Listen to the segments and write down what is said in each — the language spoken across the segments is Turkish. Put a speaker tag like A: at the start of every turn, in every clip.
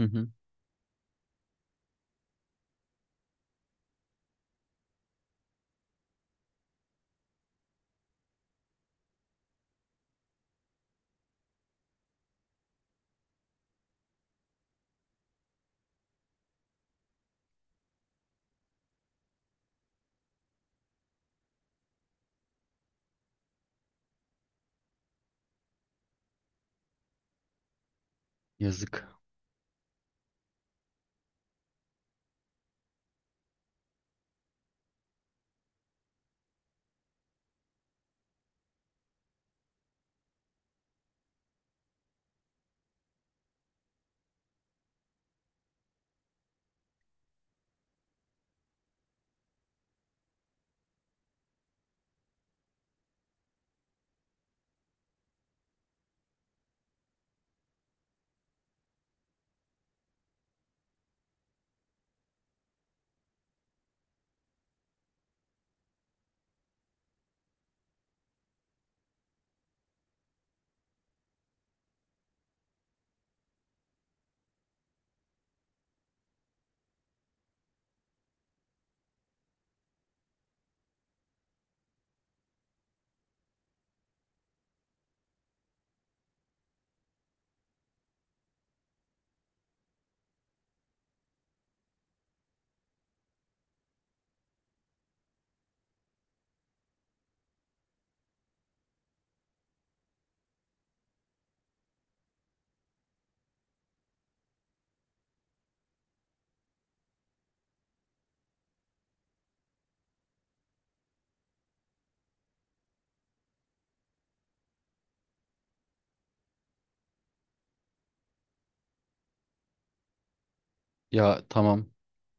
A: Hı hı. Yazık. Ya tamam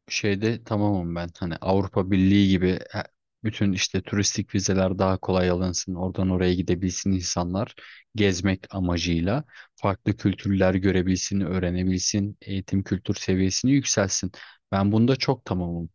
A: şeyde tamamım ben. Hani Avrupa Birliği gibi bütün işte turistik vizeler daha kolay alınsın. Oradan oraya gidebilsin insanlar. Gezmek amacıyla farklı kültürler görebilsin, öğrenebilsin, eğitim kültür seviyesini yükselsin. Ben bunda çok tamamım.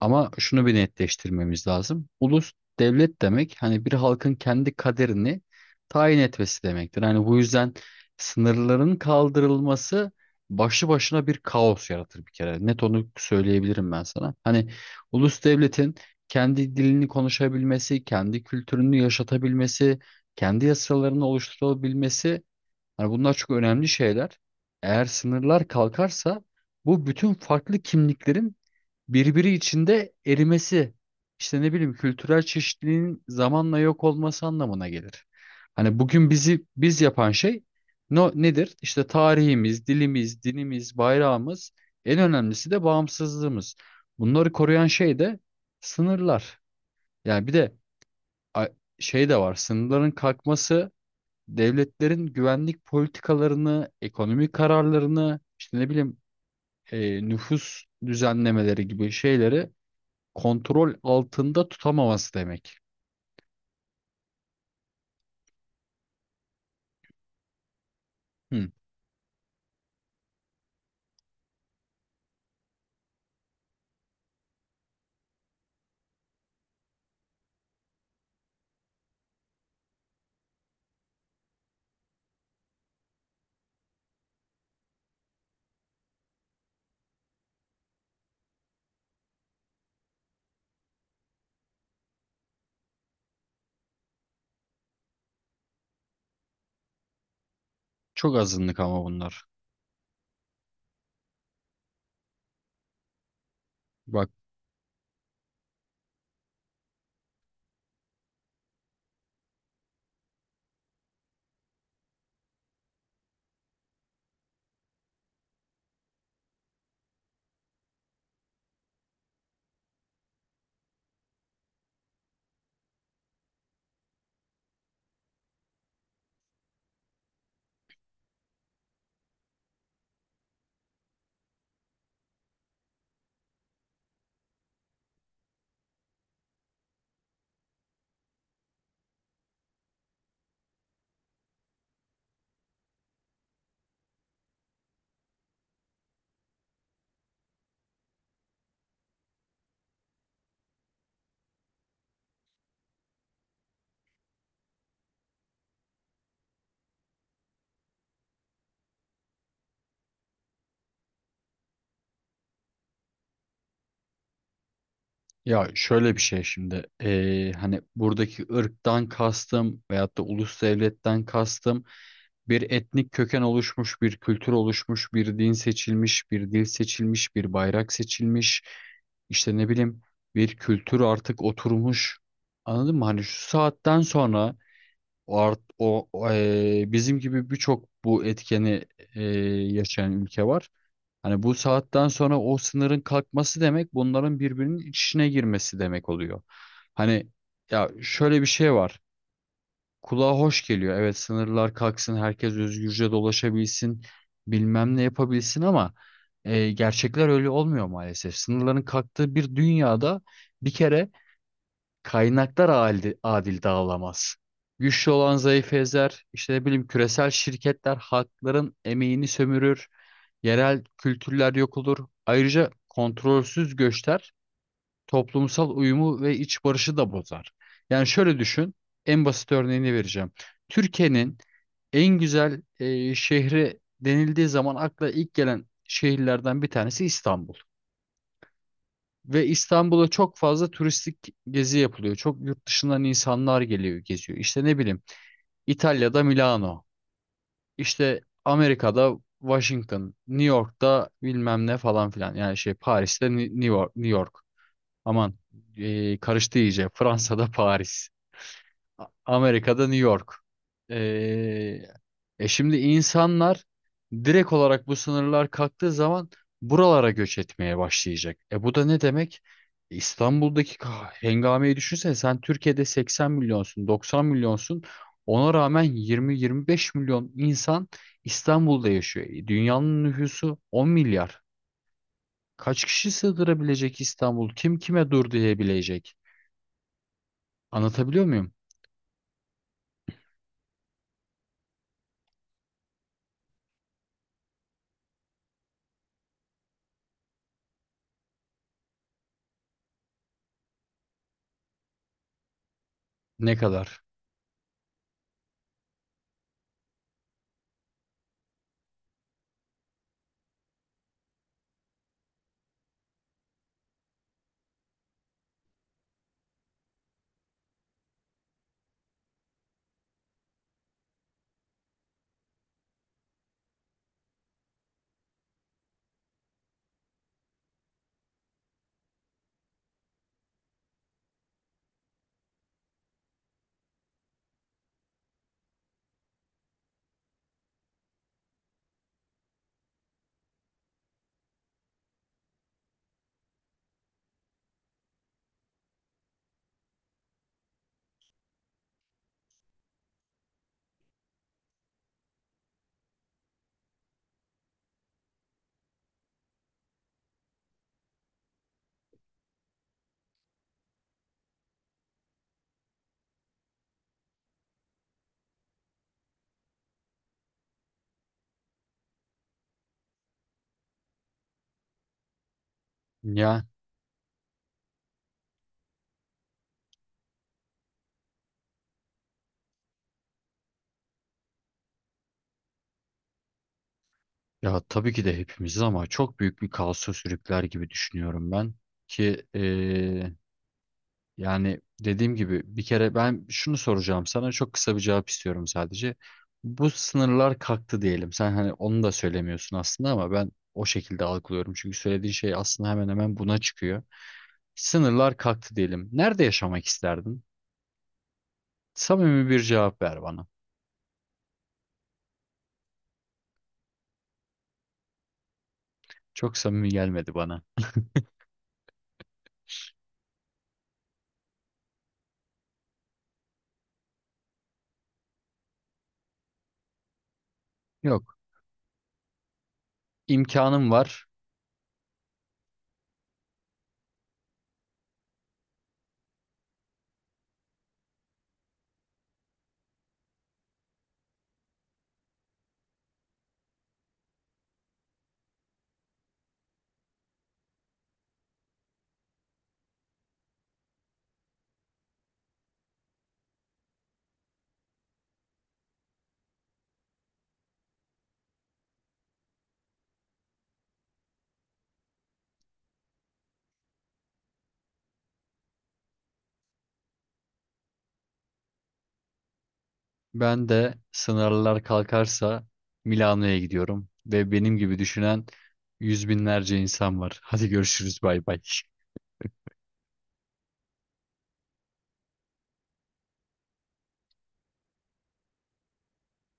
A: Ama şunu bir netleştirmemiz lazım. Ulus devlet demek hani bir halkın kendi kaderini tayin etmesi demektir. Hani bu yüzden sınırların kaldırılması başlı başına bir kaos yaratır bir kere. Net onu söyleyebilirim ben sana. Hani ulus devletin kendi dilini konuşabilmesi, kendi kültürünü yaşatabilmesi, kendi yasalarını oluşturabilmesi. Hani bunlar çok önemli şeyler. Eğer sınırlar kalkarsa bu bütün farklı kimliklerin birbiri içinde erimesi, işte ne bileyim kültürel çeşitliliğin zamanla yok olması anlamına gelir. Hani bugün bizi biz yapan şey no, nedir? İşte tarihimiz, dilimiz, dinimiz, bayrağımız, en önemlisi de bağımsızlığımız. Bunları koruyan şey de sınırlar. Yani bir de a- şey de var. Sınırların kalkması devletlerin güvenlik politikalarını, ekonomik kararlarını, işte ne bileyim nüfus düzenlemeleri gibi şeyleri kontrol altında tutamaması demek. Hı, çok azınlık ama bunlar. Bak, ya şöyle bir şey şimdi hani buradaki ırktan kastım veyahut da ulus devletten kastım. Bir etnik köken oluşmuş, bir kültür oluşmuş, bir din seçilmiş, bir dil seçilmiş, bir bayrak seçilmiş. İşte ne bileyim bir kültür artık oturmuş. Anladın mı? Hani şu saatten sonra o, art, o o, bizim gibi birçok bu etkeni eee, yaşayan ülke var. Hani bu saatten sonra o sınırın kalkması demek bunların birbirinin içine girmesi demek oluyor. Hani ya şöyle bir şey var. Kulağa hoş geliyor. Evet, sınırlar kalksın, herkes özgürce dolaşabilsin, bilmem ne yapabilsin ama gerçekler öyle olmuyor maalesef. Sınırların kalktığı bir dünyada bir kere kaynaklar adil dağılamaz. Güçlü olan zayıf ezer, işte ne bileyim küresel şirketler halkların emeğini sömürür, yerel kültürler yok olur. Ayrıca kontrolsüz göçler toplumsal uyumu ve iç barışı da bozar. Yani şöyle düşün, en basit örneğini vereceğim. Türkiye'nin en güzel şehri denildiği zaman akla ilk gelen şehirlerden bir tanesi İstanbul. Ve İstanbul'a çok fazla turistik gezi yapılıyor. Çok yurt dışından insanlar geliyor, geziyor. İşte ne bileyim, İtalya'da Milano, işte Amerika'da Washington, New York'ta bilmem ne falan filan. Yani şey Paris'te New York, New York. Aman, karıştı iyice. Fransa'da Paris. Amerika'da New York. E, şimdi insanlar direkt olarak bu sınırlar kalktığı zaman buralara göç etmeye başlayacak. E bu da ne demek? İstanbul'daki hengameyi düşünsene sen. Türkiye'de 80 milyonsun, 90 milyonsun. Ona rağmen 20-25 milyon insan İstanbul'da yaşıyor. Dünyanın nüfusu 10 milyar. Kaç kişi sığdırabilecek İstanbul? Kim kime dur diyebilecek? Anlatabiliyor muyum? Ne kadar? Ya ya, tabii ki de hepimizi ama çok büyük bir kaosa sürükler gibi düşünüyorum ben ki yani dediğim gibi bir kere ben şunu soracağım sana. Çok kısa bir cevap istiyorum sadece. Bu sınırlar kalktı diyelim. Sen hani onu da söylemiyorsun aslında ama ben o şekilde algılıyorum. Çünkü söylediğin şey aslında hemen hemen buna çıkıyor. Sınırlar kalktı diyelim. Nerede yaşamak isterdin? Samimi bir cevap ver bana. Çok samimi gelmedi bana. Yok, imkanım var. Ben de sınırlar kalkarsa Milano'ya gidiyorum ve benim gibi düşünen yüz binlerce insan var. Hadi, görüşürüz, bay bay.